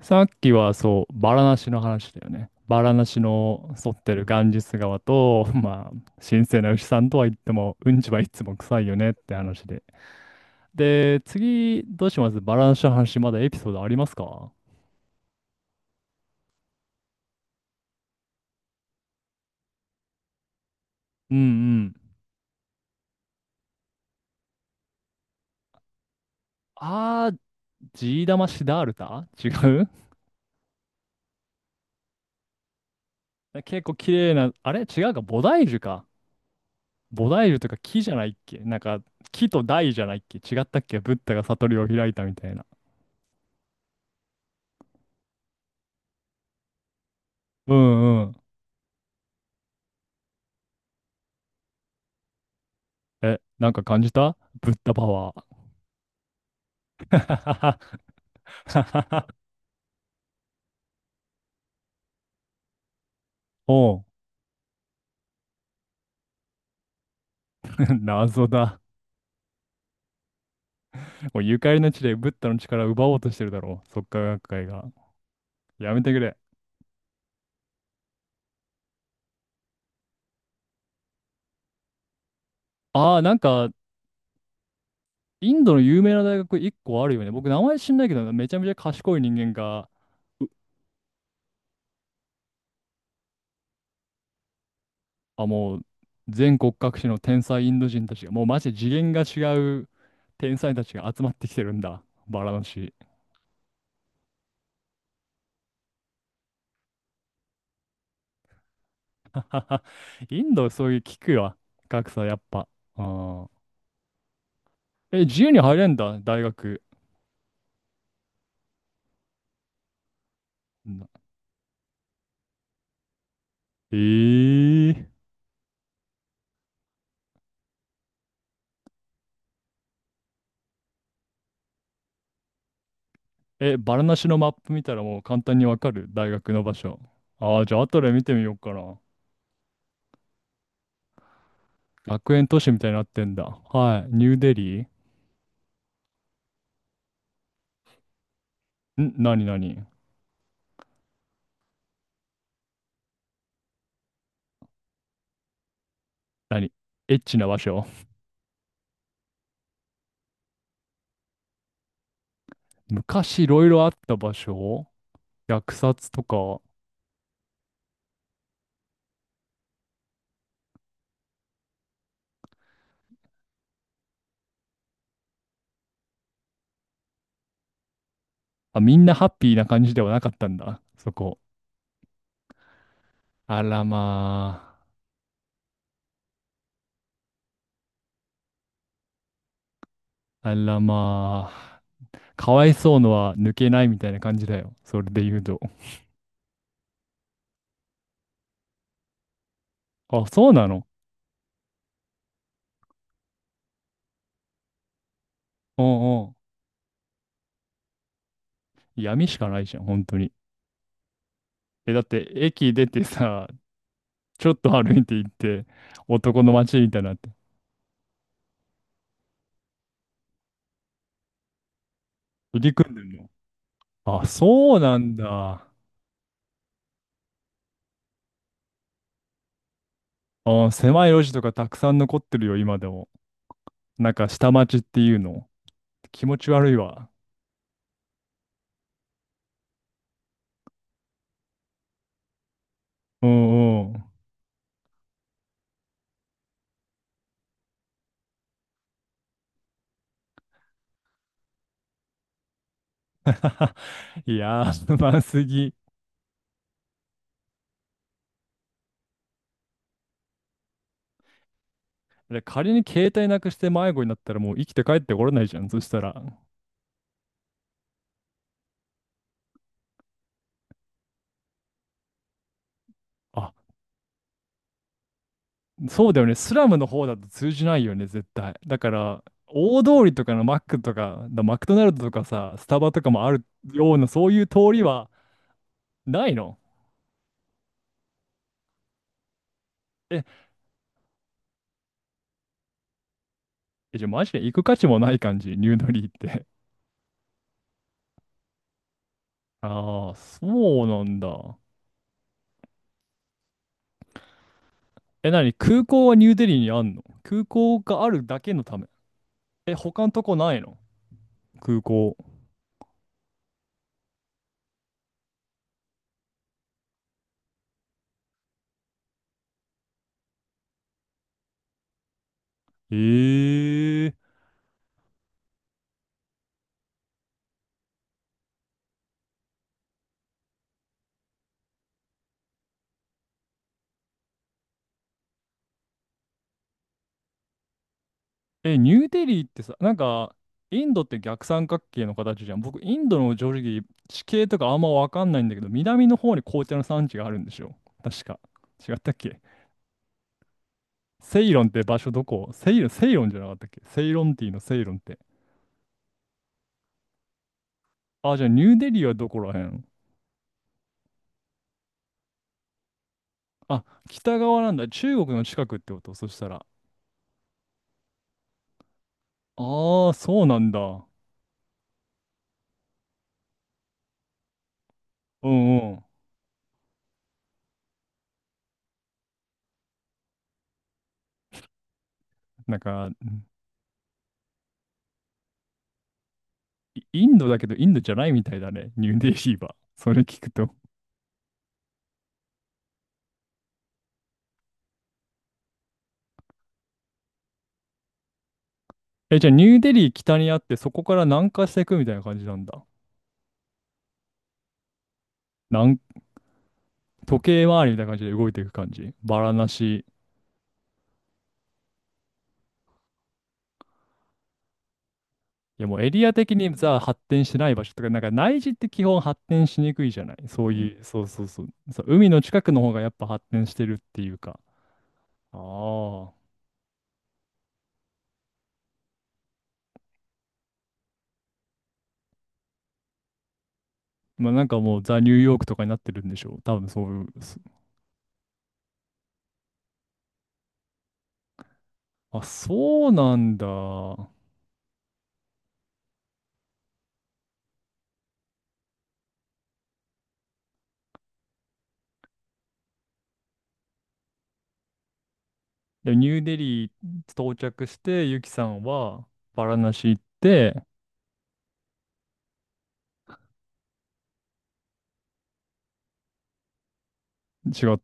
さっきはそう、バラナシの話だよね。バラナシの沿ってるガンジス川と、まあ、神聖な牛さんとは言っても、うんちはいつも臭いよねって話で。で、次、どうします？バラナシの話、まだエピソードありますか？うんうん。あー、ジーダマシダールタ違う？ 結構綺麗な、あれ違うか、菩提樹か。菩提樹とか木じゃないっけ？なんか、木と大じゃないっけ？違ったっけ？ブッダが悟りを開いたみたいな。うんうん。え、なんか感じた？ブッダパワー。おう、謎だ。もうゆかりの地でブッダの力を奪おうとしてるだろう。即価学会が。やめてくれ。ああ、なんか、インドの有名な大学1個あるよね。僕、名前知んないけど、めちゃめちゃ賢い人間が、あ、もう、全国各地の天才インド人たちが、もうマジで次元が違う天才たちが集まってきてるんだ。バラの地。インド、そういう聞くわ。格差、やっぱ。うん。え、自由に入れんだ、大学？な、えええ、バラなしのマップ見たらもう簡単にわかる？大学の場所。ああ、じゃあ後で見てみようかな。学園都市みたいになってんだ。はい。ニューデリー？ん、何？何？何？エッチな場所？昔いろいろあった場所？虐殺とか。あ、みんなハッピーな感じではなかったんだ。そこ。あらまあ。あらまあ。かわいそうのは抜けないみたいな感じだよ。それで言うと。あ、そうなの？うんうん。闇しかないじゃん、本当に。え、だって駅出てさ、ちょっと歩いて行って、男の街みたいになって。入り組んでるの？あ、そうなんだ。あ、狭い路地とかたくさん残ってるよ、今でも。なんか下町っていうの。気持ち悪いわ。うんうん。いやー、不満すぎ。で仮に携帯なくして迷子になったらもう生きて帰ってこれないじゃん、そしたら。あ、そうだよね。スラムの方だと通じないよね、絶対。だから、大通りとかのマックとか、だマクドナルドとかさ、スタバとかもあるような、そういう通りは、ないの？え、えじゃあマジで行く価値もない感じ、ニューデリーって。ああ、そうなんだ。え、なに、空港はニューデリーにあんの？空港があるだけのため？え、他のとこないの？空港。えー、え、ニューデリーってさ、なんか、インドって逆三角形の形じゃん。僕、インドの正直、地形とかあんまわかんないんだけど、南の方に紅茶の産地があるんでしょ？確か。違ったっけ？セイロンって場所どこ？セイロン、セイロンじゃなかったっけ？セイロンティーのセイロンって。あ、じゃあニューデリーはどこらへん？あ、北側なんだ。中国の近くってことそしたら。ああ、そうなんだ。うんうん。なんか、イインドだけどインドじゃないみたいだね。ニューデリーは。それ聞くと。え、じゃあニューデリー北にあってそこから南下していくみたいな感じなんだ。なん時計回りみたいな感じで動いていく感じ。バラナシ。いやもうエリア的にさ、発展してない場所とか、なんか内地って基本発展しにくいじゃない。そういう、そうそうそう。そう、海の近くの方がやっぱ発展してるっていうか。ああ。まあなんかもうザ・ニューヨークとかになってるんでしょう。多分そういう。そ、あ、そうなんだ。で、ニューデリー到着して、ユキさんはバラナシ行って、違った？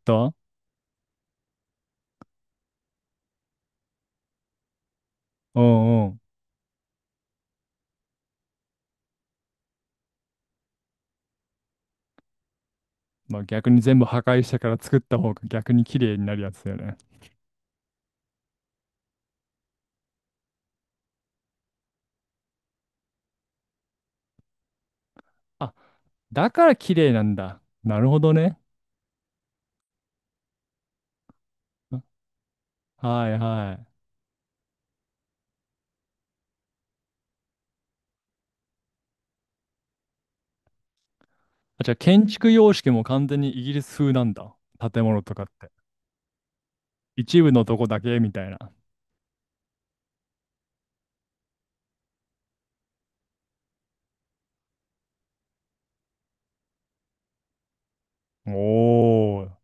うんうん。まあ逆に全部破壊してから作った方が逆に綺麗になるやつだよね。あ、だから綺麗なんだ。なるほどね。はいはい。あ、じゃあ建築様式も完全にイギリス風なんだ。建物とかって。一部のとこだけみたいな。おー。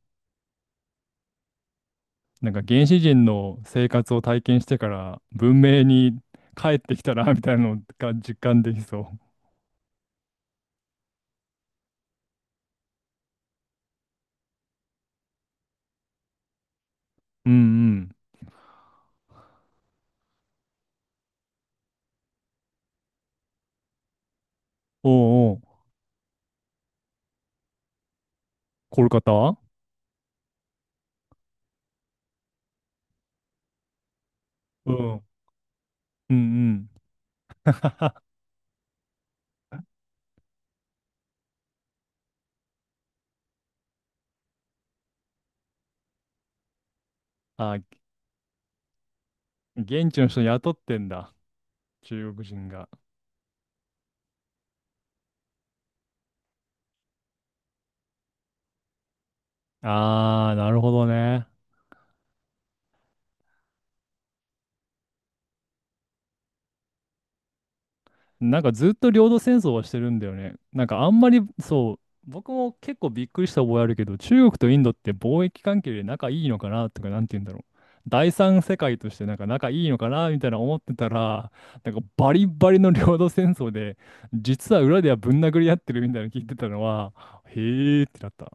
なんか原始人の生活を体験してから文明に帰ってきたなみたいなのが実感できそう。うんうん。おうおう、コルカタ？うん。うんうん。あ、現地の人雇ってんだ。中国人が。あー、なるほどね。なんかずっと領土戦争はしてるんだよね。なんかあんまりそう、僕も結構びっくりした覚えあるけど、中国とインドって貿易関係で仲いいのかなとか、なんて言うんだろう。第三世界としてなんか仲いいのかなみたいな思ってたら、なんかバリバリの領土戦争で、実は裏ではぶん殴り合ってるみたいなの聞いてたのは、へーってなった。